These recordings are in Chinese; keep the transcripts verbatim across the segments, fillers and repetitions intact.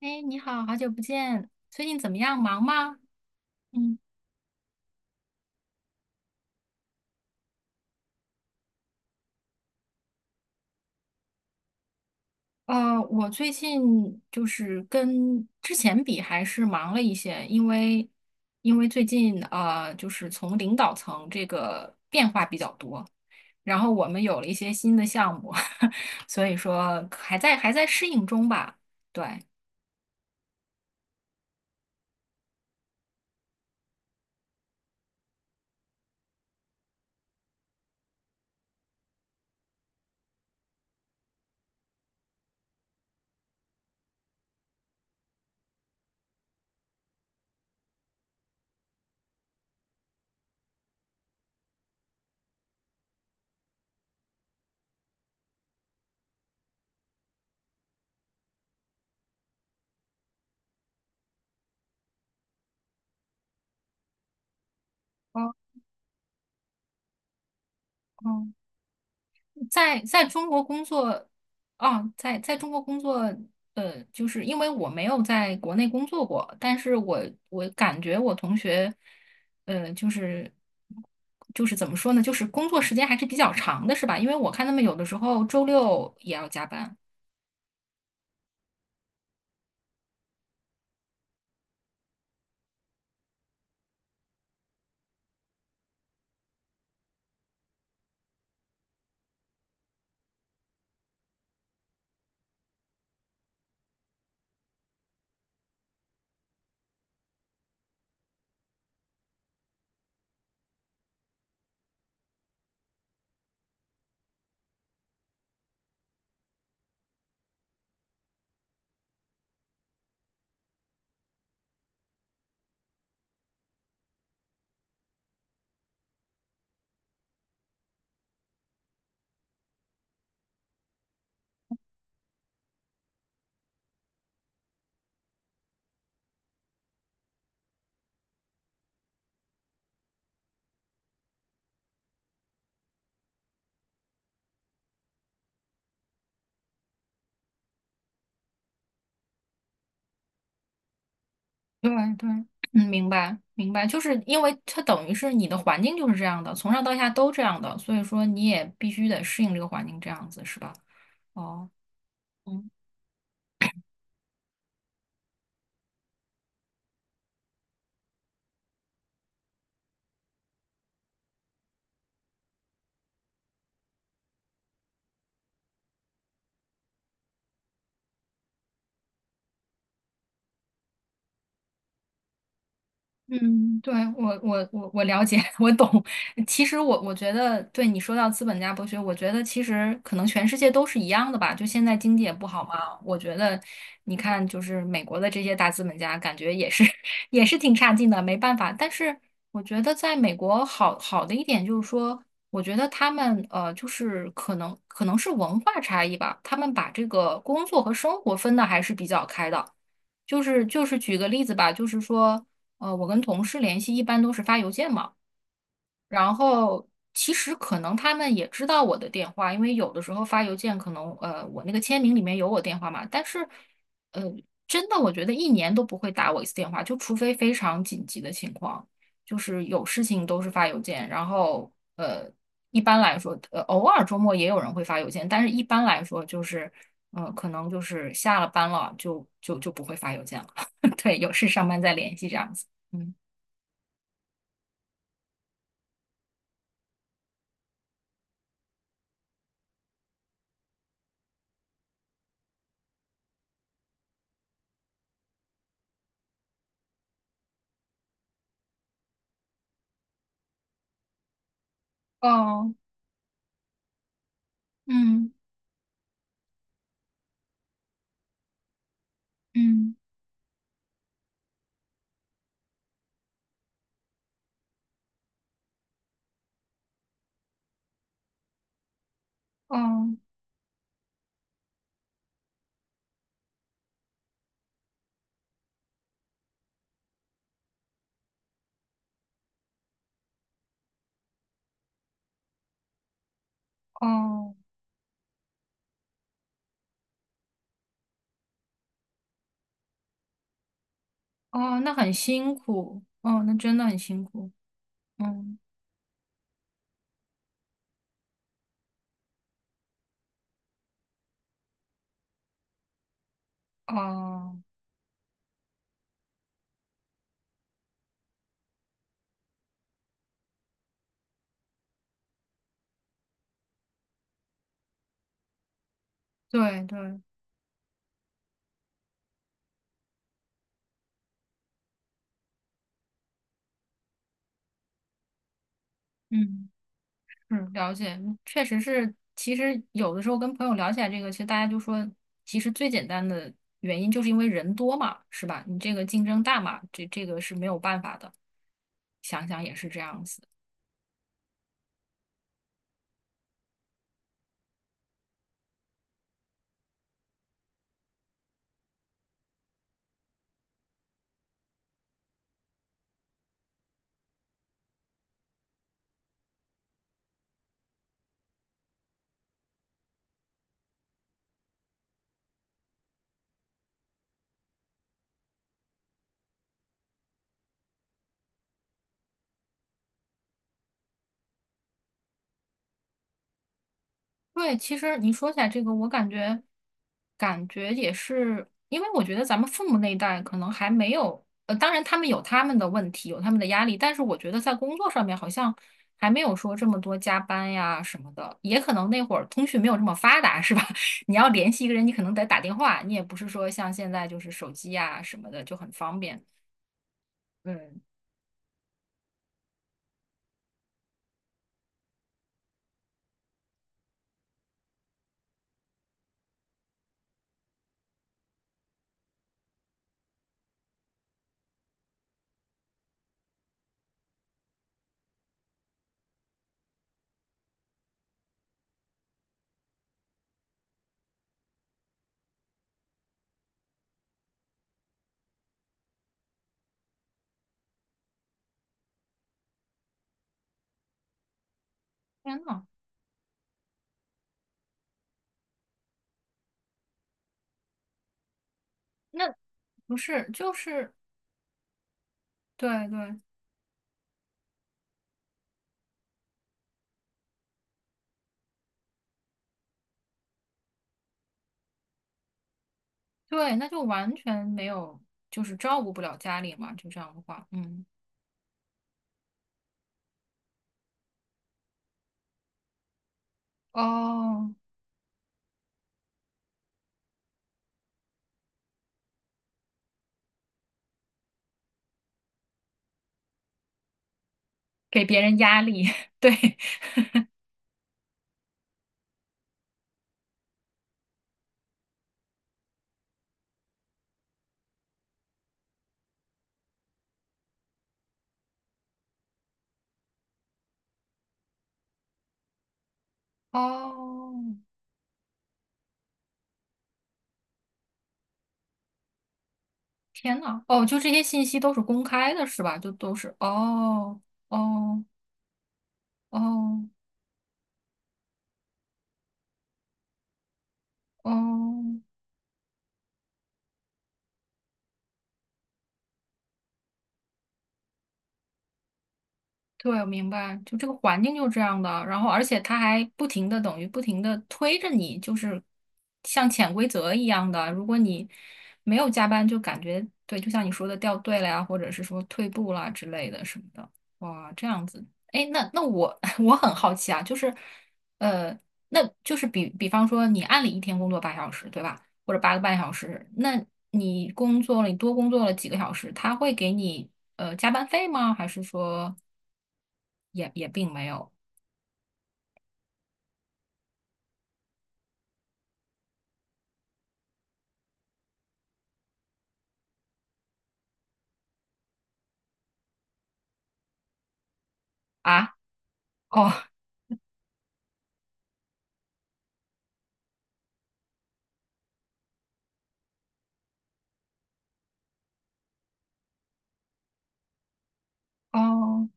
哎，你好，好久不见，最近怎么样？忙吗？嗯，呃，我最近就是跟之前比还是忙了一些，因为因为最近呃，就是从领导层这个变化比较多，然后我们有了一些新的项目，所以说还在还在适应中吧。对，哦哦，在在中国工作，啊，在在中国工作，呃，就是因为我没有在国内工作过，但是我我感觉我同学，呃，就是就是怎么说呢，就是工作时间还是比较长的，是吧？因为我看他们有的时候周六也要加班。对对，嗯，明白明白，就是因为它等于是你的环境就是这样的，从上到下都这样的，所以说你也必须得适应这个环境，这样子是吧？哦。嗯。嗯，对，我我我我了解，我懂。其实我我觉得，对你说到资本家剥削，我觉得其实可能全世界都是一样的吧。就现在经济也不好嘛，我觉得你看，就是美国的这些大资本家，感觉也是 也是挺差劲的，没办法。但是我觉得在美国好好的一点就是说，我觉得他们呃，就是可能可能是文化差异吧，他们把这个工作和生活分的还是比较开的。就是就是举个例子吧，就是说。呃，我跟同事联系一般都是发邮件嘛，然后其实可能他们也知道我的电话，因为有的时候发邮件可能呃我那个签名里面有我电话嘛，但是呃真的我觉得一年都不会打我一次电话，就除非非常紧急的情况，就是有事情都是发邮件，然后呃一般来说呃偶尔周末也有人会发邮件，但是一般来说就是呃可能就是下了班了就就就不会发邮件了，对，有事上班再联系这样子。嗯。哦，嗯嗯，哦哦哦，那很辛苦，哦，那真的很辛苦，嗯，哦，对对，嗯，是了解，确实是，其实有的时候跟朋友聊起来这个，其实大家就说，其实最简单的原因就是因为人多嘛，是吧？你这个竞争大嘛，这这个是没有办法的，想想也是这样子。对，其实你说起来这个，我感觉感觉也是，因为我觉得咱们父母那一代可能还没有，呃，当然他们有他们的问题，有他们的压力，但是我觉得在工作上面好像还没有说这么多加班呀什么的，也可能那会儿通讯没有这么发达，是吧？你要联系一个人，你可能得打电话，你也不是说像现在就是手机呀什么的就很方便。嗯，天呐，那不是，就是对对。对，那就完全没有，就是照顾不了家里嘛，就这样的话，嗯，哦，给别人压力，对，哦，天呐，哦，就这些信息都是公开的，是吧？就都是，哦，哦，哦，哦。对，我明白，就这个环境就是这样的，然后而且它还不停的等于不停的推着你，就是像潜规则一样的。如果你没有加班，就感觉对，就像你说的掉队了呀，或者是说退步啦之类的什么的。哇，这样子，哎，那那我 我很好奇啊，就是呃，那就是比比方说你按理一天工作八小时，对吧？或者八个半小时，那你工作了，你多工作了几个小时，他会给你呃加班费吗？还是说？也也并没有啊，哦哦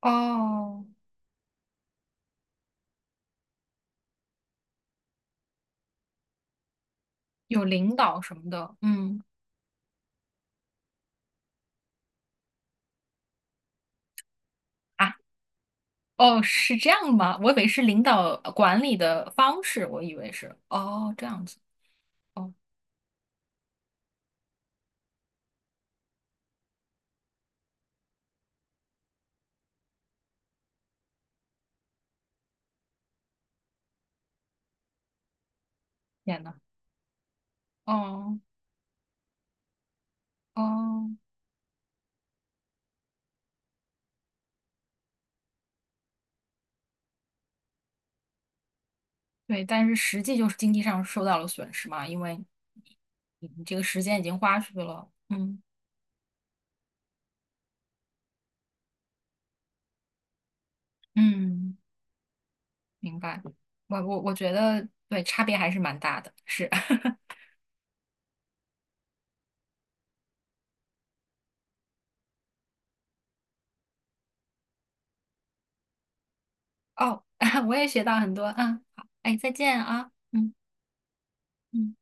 哦，有领导什么的，嗯啊，哦，是这样吗？我以为是领导管理的方式，我以为是，哦，这样子，哦，天呐，哦哦，对，但是实际就是经济上受到了损失嘛，因为你你这个时间已经花出去了，嗯嗯，明白，我我我觉得对，差别还是蛮大的，是。哦，我也学到很多，啊。好，哎，再见啊，嗯嗯。